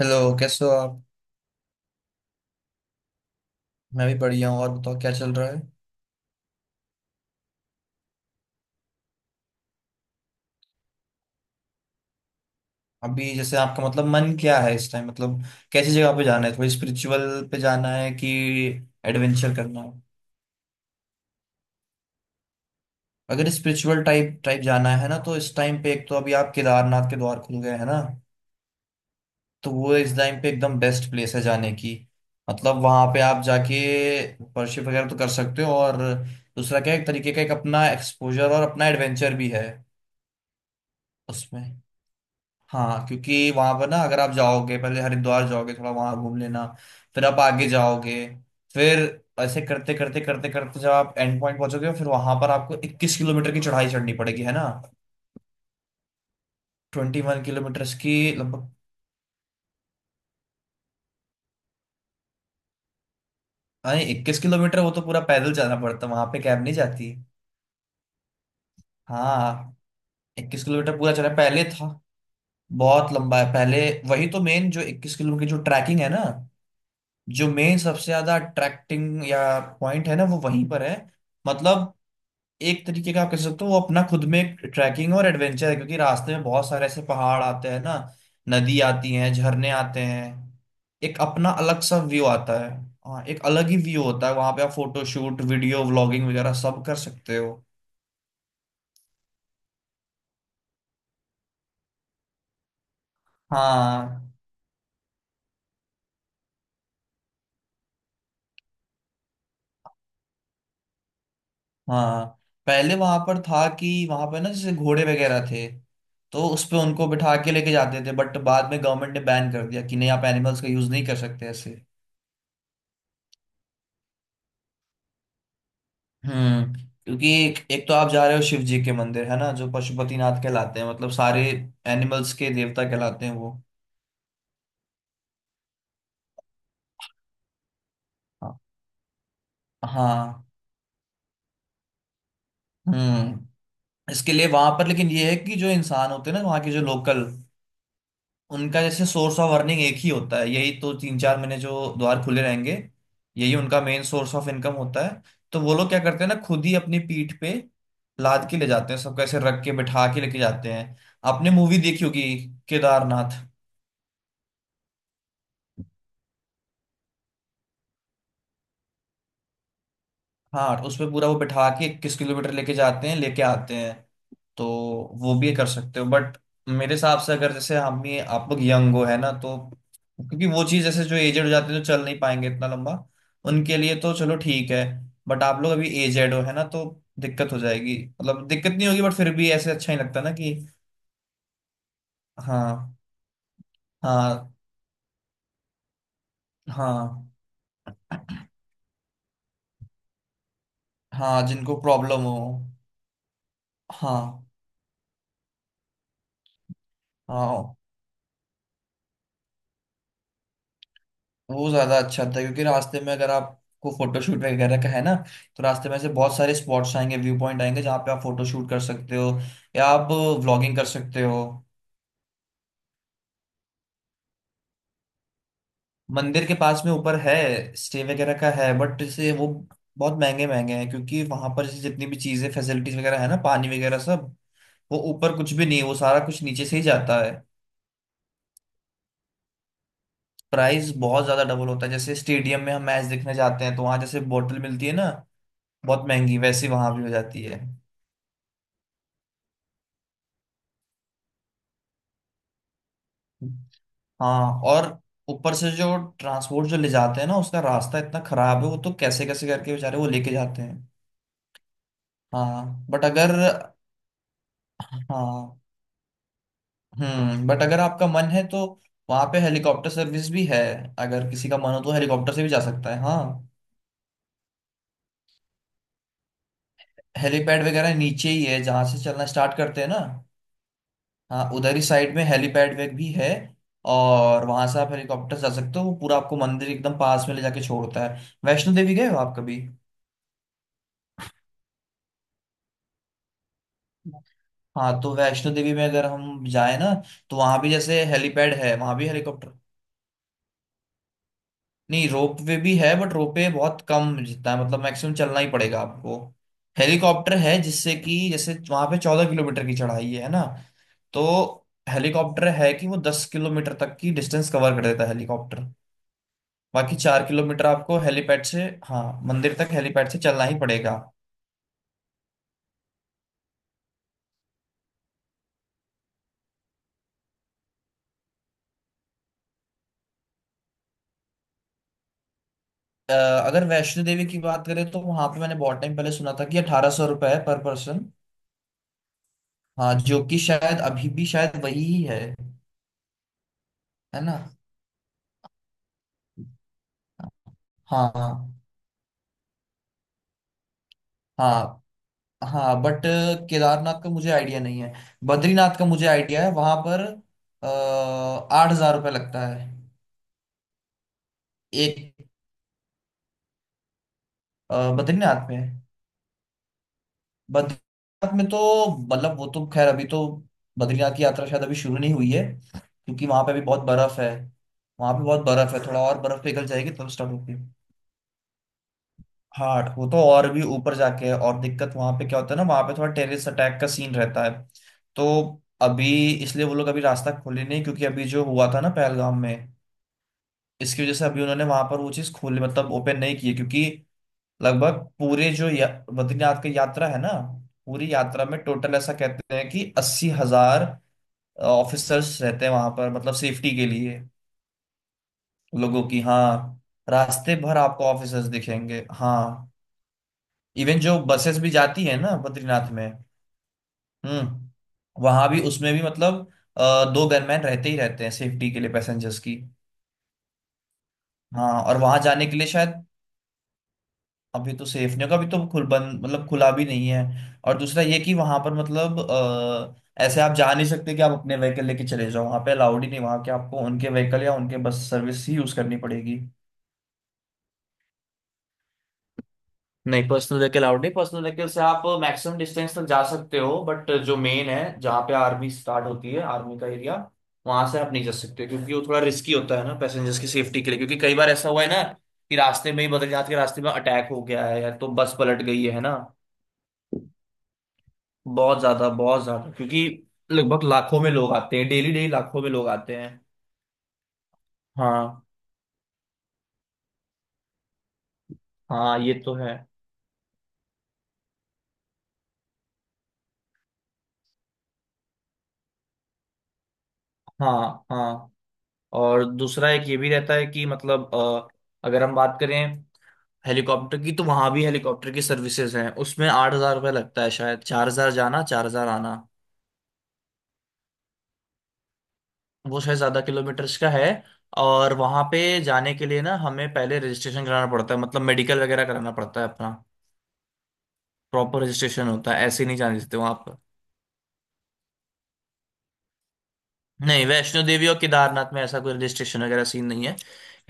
Hello कैसे हो आप। मैं भी बढ़िया हूँ और बताओ क्या चल रहा है। अभी जैसे आपका मतलब मन क्या है इस टाइम, मतलब कैसी जगह पे जाना है, थोड़ी स्पिरिचुअल पे जाना है कि एडवेंचर करना है। अगर स्पिरिचुअल टाइप टाइप जाना है ना, तो इस टाइम पे एक तो अभी आप केदारनाथ के द्वार खुल गए हैं ना। तो वो इस टाइम पे एकदम बेस्ट प्लेस है जाने की। मतलब वहां पे आप जाके वर्शिप वगैरह तो कर सकते हो, और दूसरा क्या है, एक तरीके का एक अपना एक्सपोजर और अपना एडवेंचर भी है उसमें। हाँ, क्योंकि वहां पर ना अगर आप जाओगे पहले हरिद्वार जाओगे, थोड़ा वहां घूम लेना, फिर आप आगे जाओगे, फिर ऐसे करते करते जब आप एंड पॉइंट पहुंचोगे, फिर वहां पर आपको 21 किलोमीटर की चढ़ाई चढ़नी पड़ेगी है ना। 21 किलोमीटर की लगभग। अरे, 21 किलोमीटर वो तो पूरा पैदल जाना पड़ता, वहां पे कैब नहीं जाती। हाँ। 21 किलोमीटर पूरा चला पहले था। बहुत लंबा है पहले। वही तो मेन, जो 21 किलोमीटर की जो ट्रैकिंग है ना, जो मेन सबसे ज्यादा अट्रैक्टिंग या पॉइंट है ना वो वहीं पर है। मतलब एक तरीके का आप कह सकते हो वो अपना खुद में एक ट्रैकिंग और एडवेंचर है, क्योंकि रास्ते में बहुत सारे ऐसे पहाड़ आते हैं ना, नदी आती है, झरने आते हैं, एक अपना अलग सा व्यू आता है। हाँ, एक अलग ही व्यू होता है, वहां पे आप फोटो शूट वीडियो व्लॉगिंग वगैरह सब कर सकते हो। हाँ, हाँ। पहले वहां पर था कि वहां पर ना जैसे घोड़े वगैरह थे, तो उस पे उनको बिठा के लेके जाते थे, बट बाद में गवर्नमेंट ने बैन कर दिया कि नहीं आप एनिमल्स का यूज नहीं कर सकते ऐसे। हम्म। क्योंकि एक तो आप जा रहे हो शिव जी के मंदिर है ना, जो पशुपतिनाथ कहलाते हैं, मतलब सारे एनिमल्स के देवता कहलाते हैं वो। हाँ, हाँ। हम्म। इसके लिए वहां पर, लेकिन ये है कि जो इंसान होते हैं ना वहाँ के जो लोकल, उनका जैसे सोर्स ऑफ अर्निंग एक ही होता है, यही तो तीन चार महीने जो द्वार खुले रहेंगे, यही उनका मेन सोर्स ऑफ इनकम होता है। तो वो लोग क्या करते हैं ना, खुद ही अपनी पीठ पे लाद के ले जाते हैं सबको, ऐसे रख के बिठा के लेके जाते हैं। आपने मूवी देखी होगी, केदारनाथ। हाँ। उसमें पूरा वो बिठा के 21 किलोमीटर लेके जाते हैं, लेके आते हैं। तो वो भी कर सकते हो, बट मेरे हिसाब से अगर जैसे हम ही आप लोग यंग हो है ना तो। क्योंकि वो चीज़ जैसे जो एजेड हो जाते हैं, जो चल नहीं पाएंगे इतना लंबा, उनके लिए तो चलो ठीक है। बट आप लोग अभी एजेड हो है ना, तो दिक्कत हो जाएगी। मतलब दिक्कत नहीं होगी, बट फिर भी ऐसे अच्छा नहीं लगता ना कि। हाँ, हाँ, हाँ, हाँ, जिनको प्रॉब्लम हो। हाँ हाँ। वो ज्यादा अच्छा था, क्योंकि रास्ते में अगर आपको फोटोशूट वगैरह का है ना, तो रास्ते में से बहुत सारे स्पॉट्स आएंगे, व्यू पॉइंट आएंगे, जहाँ पे आप फोटोशूट कर सकते हो या आप व्लॉगिंग कर सकते हो। मंदिर के पास में ऊपर है, स्टे वगैरह का है, बट जैसे वो बहुत महंगे महंगे हैं, क्योंकि वहां पर जैसे जितनी भी चीजें फैसिलिटीज वगैरह है ना, पानी वगैरह सब, वो ऊपर कुछ भी नहीं है, वो सारा कुछ नीचे से ही जाता है। प्राइस बहुत ज्यादा डबल होता है, जैसे स्टेडियम में हम मैच देखने जाते हैं तो वहां जैसे बोतल मिलती है ना, बहुत महंगी, वैसी वहां भी हो जाती है। हाँ। और ऊपर से जो ट्रांसपोर्ट जो ले जाते हैं ना, उसका रास्ता इतना खराब है, वो तो कैसे कैसे करके बेचारे वो लेके जाते हैं। हाँ बट अगर हाँ। बट अगर आपका मन है तो वहाँ पे हेलीकॉप्टर सर्विस भी है। अगर किसी का मन हो तो हेलीकॉप्टर से भी जा सकता है। हाँ। हेलीपैड वगैरह नीचे ही है, जहाँ से चलना स्टार्ट करते हैं ना। हाँ, उधर ही साइड में हेलीपैड वेग भी है, और वहाँ से आप हेलीकॉप्टर जा सकते हो, वो पूरा आपको मंदिर एकदम पास में ले जाके छोड़ता है। वैष्णो देवी गए हो आप कभी? हाँ, तो वैष्णो देवी में अगर हम जाए ना, तो वहां भी जैसे हेलीपैड है, वहां भी हेलीकॉप्टर। नहीं, रोप वे भी है बट रोप वे बहुत कम जितना है, मतलब मैक्सिमम चलना ही पड़ेगा आपको। हेलीकॉप्टर है, जिससे कि जैसे वहां पे 14 किलोमीटर की चढ़ाई है ना। तो हेलीकॉप्टर है कि वो 10 किलोमीटर तक की डिस्टेंस कवर कर देता है हेलीकॉप्टर। बाकी 4 किलोमीटर आपको हेलीपैड से, हाँ, मंदिर तक हेलीपैड से चलना ही पड़ेगा। अ, अगर वैष्णो देवी की बात करें तो वहां पे मैंने बहुत टाइम पहले सुना था कि 1800 रुपये है पर पर्सन। हाँ, जो कि शायद अभी भी शायद वही ही है। है ना। हाँ, हाँ, हाँ, बट केदारनाथ का मुझे आइडिया नहीं है। बद्रीनाथ का मुझे आइडिया है, वहां पर 8000 रुपये लगता है। एक बद्रीनाथ में, बद्रीनाथ में तो मतलब वो तो खैर अभी तो बद्रीनाथ की यात्रा शायद अभी शुरू नहीं हुई है। क्योंकि वहां पे अभी बहुत बर्फ है, वहां पे बहुत बर्फ है। थोड़ा और बर्फ पिघल जाएगी तब स्टार्ट होगी। हाँ, वो तो और भी ऊपर जाके है। और दिक्कत वहां पे क्या होता है ना, वहां पे थोड़ा टेररिस्ट अटैक का सीन रहता है, तो अभी। इसलिए वो लोग अभी रास्ता खोले नहीं, क्योंकि अभी जो हुआ था ना पहलगाम में, इसकी वजह से अभी उन्होंने वहां पर वो चीज खोली, मतलब ओपन नहीं की है, क्योंकि लगभग पूरे जो बद्रीनाथ की यात्रा है ना, पूरी यात्रा में टोटल ऐसा कहते हैं कि 80,000 ऑफिसर्स रहते हैं वहां पर, मतलब सेफ्टी के लिए लोगों की। हाँ। रास्ते भर आपको ऑफिसर्स दिखेंगे। हाँ। इवन जो बसेस भी जाती है ना बद्रीनाथ में, हम्म वहां भी उसमें भी मतलब दो गनमैन रहते ही रहते हैं, सेफ्टी के लिए पैसेंजर्स की। हाँ, और वहां जाने के लिए शायद अभी तो सेफ्टियों का भी तो खुल बंद, मतलब खुला भी नहीं है। और दूसरा ये कि वहां पर मतलब ऐसे आप जा नहीं सकते कि आप अपने व्हीकल लेके चले जाओ, वहां पे अलाउड ही नहीं, वहां के आपको उनके व्हीकल या उनके बस सर्विस ही यूज करनी पड़ेगी। नहीं, पर्सनल व्हीकल आउट नहीं, पर्सनल व्हीकल से आप मैक्सिमम डिस्टेंस तक जा सकते हो, बट जो मेन है जहाँ पे आर्मी स्टार्ट होती है, आर्मी का एरिया, वहां से आप नहीं जा सकते, क्योंकि वो थोड़ा रिस्की होता है ना पैसेंजर्स की सेफ्टी के लिए। क्योंकि कई बार ऐसा हुआ है ना कि रास्ते में ही बदल जाते, के रास्ते में अटैक हो गया है या तो बस पलट गई है ना। बहुत ज्यादा बहुत ज्यादा, क्योंकि लगभग लाखों में लोग आते हैं डेली, डेली लाखों में लोग आते हैं। हाँ, हाँ ये तो है। हाँ, हाँ, और दूसरा एक ये भी रहता है कि मतलब अगर हम बात करें हेलीकॉप्टर की, तो वहां भी हेलीकॉप्टर की सर्विसेज हैं, उसमें 8000 रुपये लगता है, शायद 4000 जाना 4000 आना। वो शायद ज्यादा किलोमीटर्स का है। और वहां पे जाने के लिए ना हमें पहले रजिस्ट्रेशन कराना पड़ता है, मतलब मेडिकल वगैरह कराना पड़ता है अपना, प्रॉपर रजिस्ट्रेशन होता है, ऐसे ही नहीं जाने देते वहां पर। नहीं, वैष्णो देवी और केदारनाथ में ऐसा कोई रजिस्ट्रेशन वगैरह सीन नहीं है।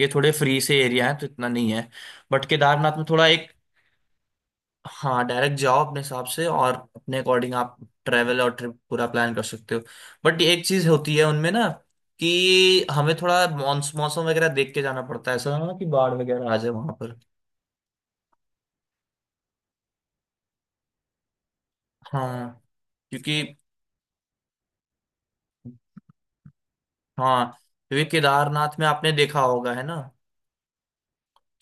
ये थोड़े फ्री से एरिया है तो इतना नहीं है। बट केदारनाथ में थोड़ा एक। हाँ, डायरेक्ट जाओ अपने हिसाब से और अपने अकॉर्डिंग आप ट्रैवल और ट्रिप पूरा प्लान कर सकते हो। बट एक चीज होती है उनमें ना, कि हमें थोड़ा मौसम वगैरह देख के जाना पड़ता है, ऐसा ना हो कि बाढ़ वगैरह आ जाए वहां पर। हाँ, क्योंकि हाँ, क्योंकि केदारनाथ में आपने देखा होगा है ना,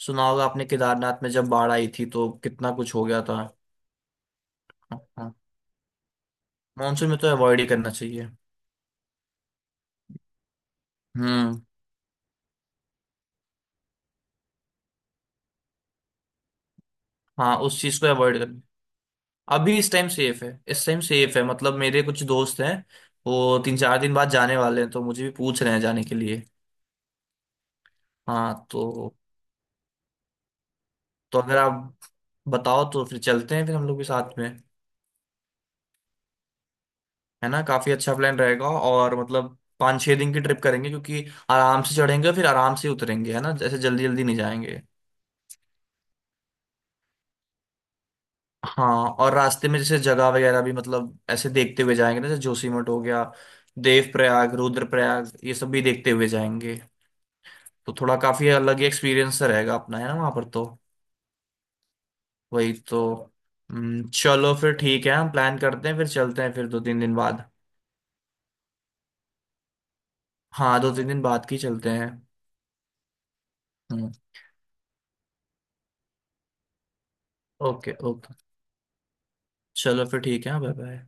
सुना होगा आपने केदारनाथ में जब बाढ़ आई थी तो कितना कुछ हो गया था। हाँ। मानसून में तो अवॉइड ही करना चाहिए। हम्म। हाँ, उस चीज को अवॉइड करना। अभी इस टाइम सेफ है, इस टाइम सेफ है, मतलब मेरे कुछ दोस्त हैं, वो तीन चार दिन बाद जाने वाले हैं, तो मुझे भी पूछ रहे हैं जाने के लिए। हाँ। तो अगर आप बताओ तो फिर चलते हैं, फिर हम लोग भी साथ में। है ना, काफी अच्छा प्लान रहेगा, और मतलब पाँच छः दिन की ट्रिप करेंगे, क्योंकि आराम से चढ़ेंगे फिर आराम से उतरेंगे है ना, जैसे जल्दी जल्दी नहीं जाएंगे। हाँ, और रास्ते में जैसे जगह वगैरह भी मतलब ऐसे देखते हुए जाएंगे ना, जैसे जोशीमठ हो गया, देवप्रयाग, रुद्रप्रयाग, ये सब भी देखते हुए जाएंगे। तो थोड़ा काफी अलग ही एक्सपीरियंस रहेगा अपना है ना वहां पर तो। वही तो। चलो फिर ठीक है, हम प्लान करते हैं, फिर चलते हैं फिर दो तीन दिन बाद। हाँ, दो तीन दिन बाद की चलते हैं। हम्म। Okay, okay. चलो फिर ठीक है, बाय बाय।